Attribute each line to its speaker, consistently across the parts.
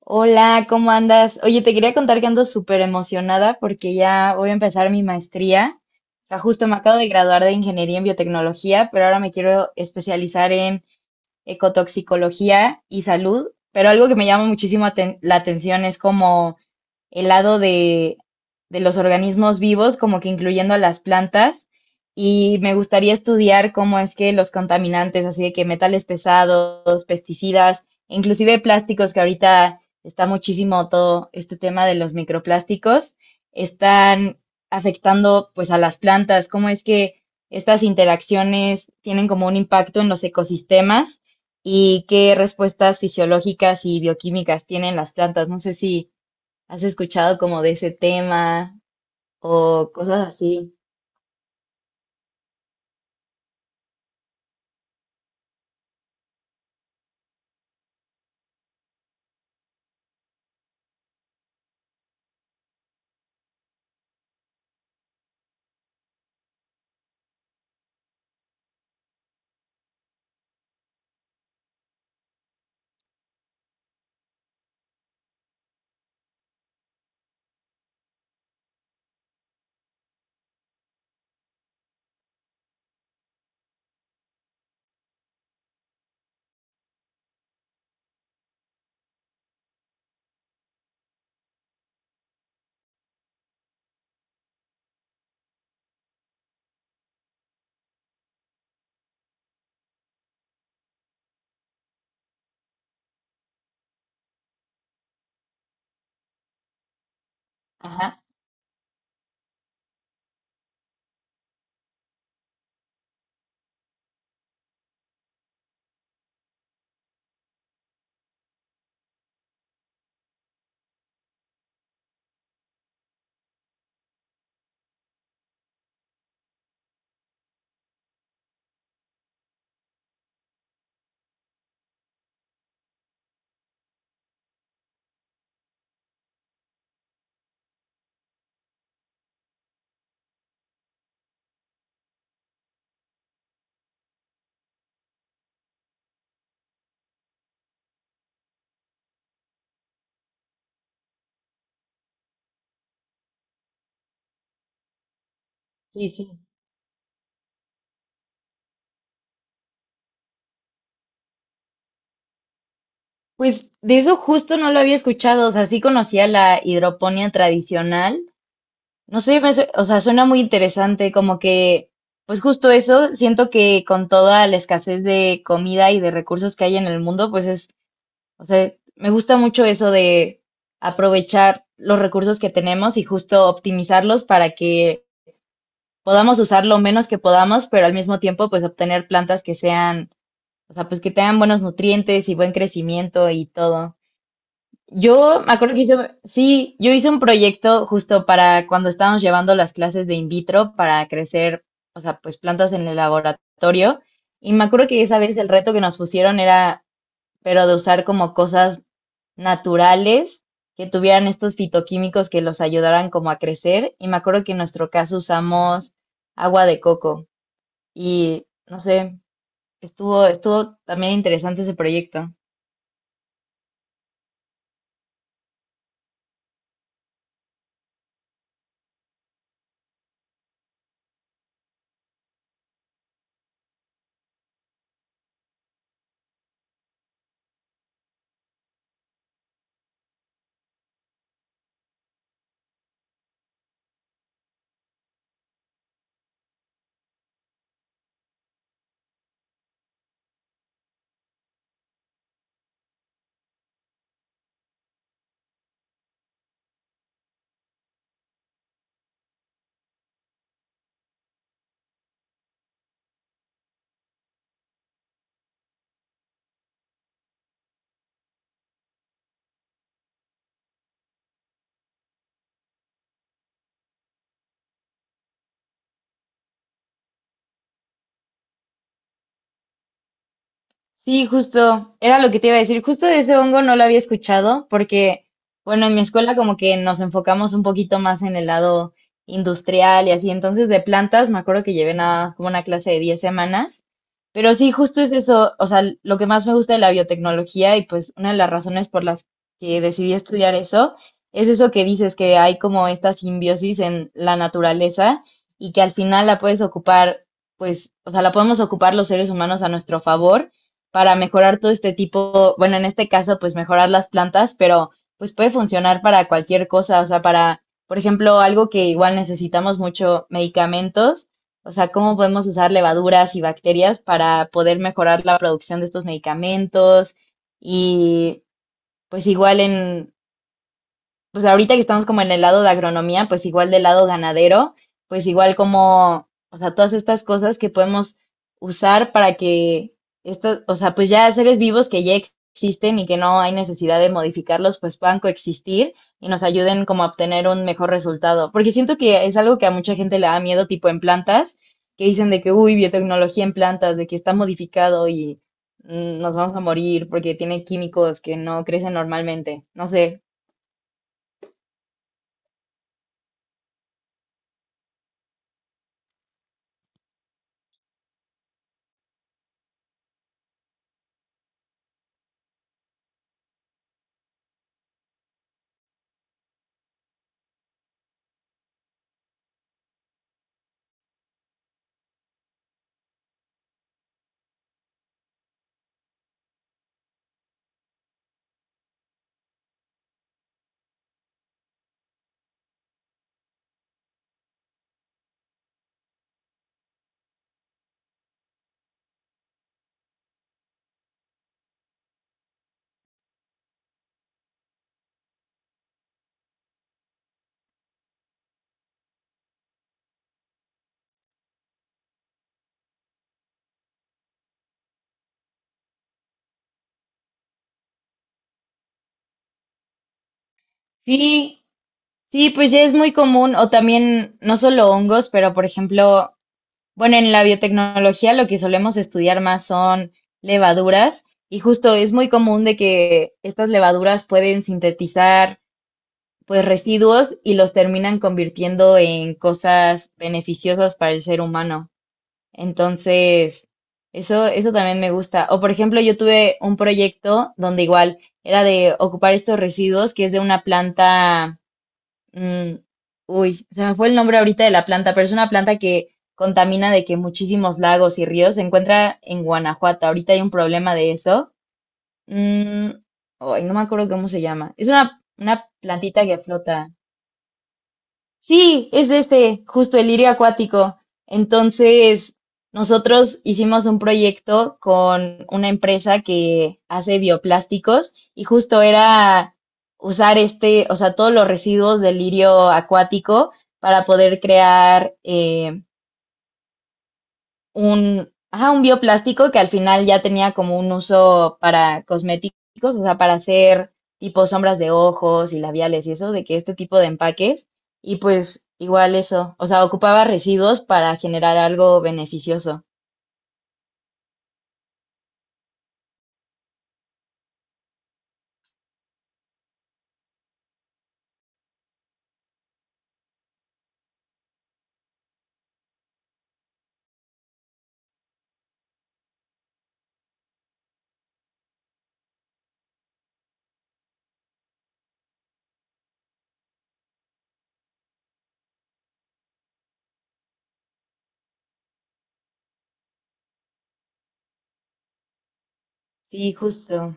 Speaker 1: Hola, ¿cómo andas? Oye, te quería contar que ando súper emocionada porque ya voy a empezar mi maestría. O sea, justo me acabo de graduar de ingeniería en biotecnología, pero ahora me quiero especializar en ecotoxicología y salud. Pero algo que me llama muchísimo la atención es como el lado de los organismos vivos, como que incluyendo a las plantas, y me gustaría estudiar cómo es que los contaminantes, así de que metales pesados, pesticidas, inclusive plásticos, que ahorita está muchísimo todo este tema de los microplásticos, están afectando pues a las plantas, cómo es que estas interacciones tienen como un impacto en los ecosistemas y qué respuestas fisiológicas y bioquímicas tienen las plantas. No sé si ¿Has escuchado como de ese tema o cosas así? Ajá, sí, sí. Pues de eso justo no lo había escuchado, o sea, sí conocía la hidroponía tradicional. No sé, o sea, suena muy interesante, como que, pues justo eso, siento que con toda la escasez de comida y de recursos que hay en el mundo, pues es, o sea, me gusta mucho eso de aprovechar los recursos que tenemos y justo optimizarlos para que podamos usar lo menos que podamos, pero al mismo tiempo, pues obtener plantas que sean, o sea, pues que tengan buenos nutrientes y buen crecimiento y todo. Yo me acuerdo que hice, sí, yo hice un proyecto justo para cuando estábamos llevando las clases de in vitro para crecer, o sea, pues plantas en el laboratorio. Y me acuerdo que esa vez el reto que nos pusieron era, pero de usar como cosas naturales que tuvieran estos fitoquímicos que los ayudaran como a crecer. Y me acuerdo que en nuestro caso usamos agua de coco. Y no sé, estuvo también interesante ese proyecto. Sí, justo, era lo que te iba a decir. Justo de ese hongo no lo había escuchado porque, bueno, en mi escuela como que nos enfocamos un poquito más en el lado industrial y así. Entonces, de plantas, me acuerdo que llevé nada, como una clase de 10 semanas. Pero sí, justo es eso, o sea, lo que más me gusta de la biotecnología y pues una de las razones por las que decidí estudiar eso es eso que dices, que hay como esta simbiosis en la naturaleza y que al final la puedes ocupar, pues, o sea, la podemos ocupar los seres humanos a nuestro favor para mejorar todo este tipo, bueno, en este caso, pues mejorar las plantas, pero pues puede funcionar para cualquier cosa, o sea, para, por ejemplo, algo que igual necesitamos mucho, medicamentos, o sea, cómo podemos usar levaduras y bacterias para poder mejorar la producción de estos medicamentos y pues igual en pues ahorita que estamos como en el lado de agronomía, pues igual del lado ganadero, pues igual como, o sea, todas estas cosas que podemos usar para que estos, o sea, pues ya seres vivos que ya existen y que no hay necesidad de modificarlos, pues puedan coexistir y nos ayuden como a obtener un mejor resultado. Porque siento que es algo que a mucha gente le da miedo, tipo en plantas, que dicen de que, uy, biotecnología en plantas, de que está modificado y nos vamos a morir porque tiene químicos que no crecen normalmente. No sé. Sí, sí, pues ya es muy común, o también no solo hongos, pero por ejemplo, bueno, en la biotecnología lo que solemos estudiar más son levaduras y justo es muy común de que estas levaduras pueden sintetizar pues residuos y los terminan convirtiendo en cosas beneficiosas para el ser humano. Entonces, eso también me gusta. O por ejemplo, yo tuve un proyecto donde igual era de ocupar estos residuos que es de una planta. Mm, uy, se me fue el nombre ahorita de la planta, pero es una planta que contamina de que muchísimos lagos y ríos. Se encuentra en Guanajuato. Ahorita hay un problema de eso. Mm, ay, no me acuerdo cómo se llama. Es una plantita que flota. Sí, es de este, justo el lirio acuático. Entonces, nosotros hicimos un proyecto con una empresa que hace bioplásticos y justo era usar este, o sea, todos los residuos del lirio acuático para poder crear un, ajá, un bioplástico que al final ya tenía como un uso para cosméticos, o sea, para hacer tipo sombras de ojos y labiales y eso, de que este tipo de empaques, y pues igual eso, o sea, ocupaba residuos para generar algo beneficioso. Sí, justo.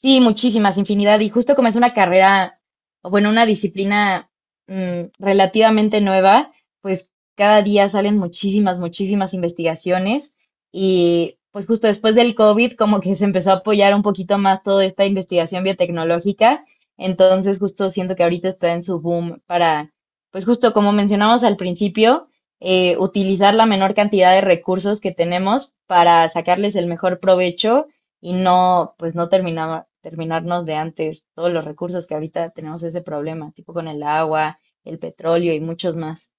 Speaker 1: Sí, muchísimas, infinidad. Y justo como es una carrera, o bueno, una disciplina relativamente nueva, pues cada día salen muchísimas, muchísimas investigaciones y pues justo después del COVID como que se empezó a apoyar un poquito más toda esta investigación biotecnológica. Entonces justo siento que ahorita está en su boom para, pues justo como mencionamos al principio, utilizar la menor cantidad de recursos que tenemos para sacarles el mejor provecho y no, pues no terminaba, terminarnos de antes todos los recursos que ahorita tenemos ese problema, tipo con el agua, el petróleo y muchos más.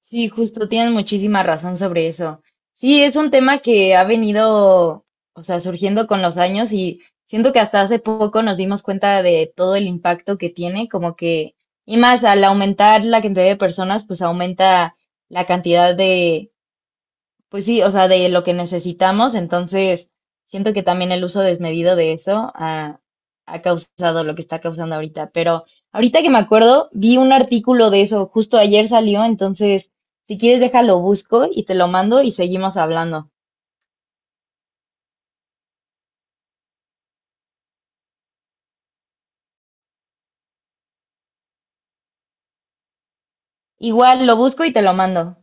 Speaker 1: Sí, justo, tienes muchísima razón sobre eso. Sí, es un tema que ha venido, o sea, surgiendo con los años y siento que hasta hace poco nos dimos cuenta de todo el impacto que tiene, como que, y más al aumentar la cantidad de personas, pues aumenta la cantidad de pues sí, o sea, de lo que necesitamos, entonces siento que también el uso desmedido de eso ha causado lo que está causando ahorita. Pero ahorita que me acuerdo, vi un artículo de eso, justo ayer salió, entonces si quieres déjalo busco y te lo mando y seguimos hablando. Igual lo busco y te lo mando.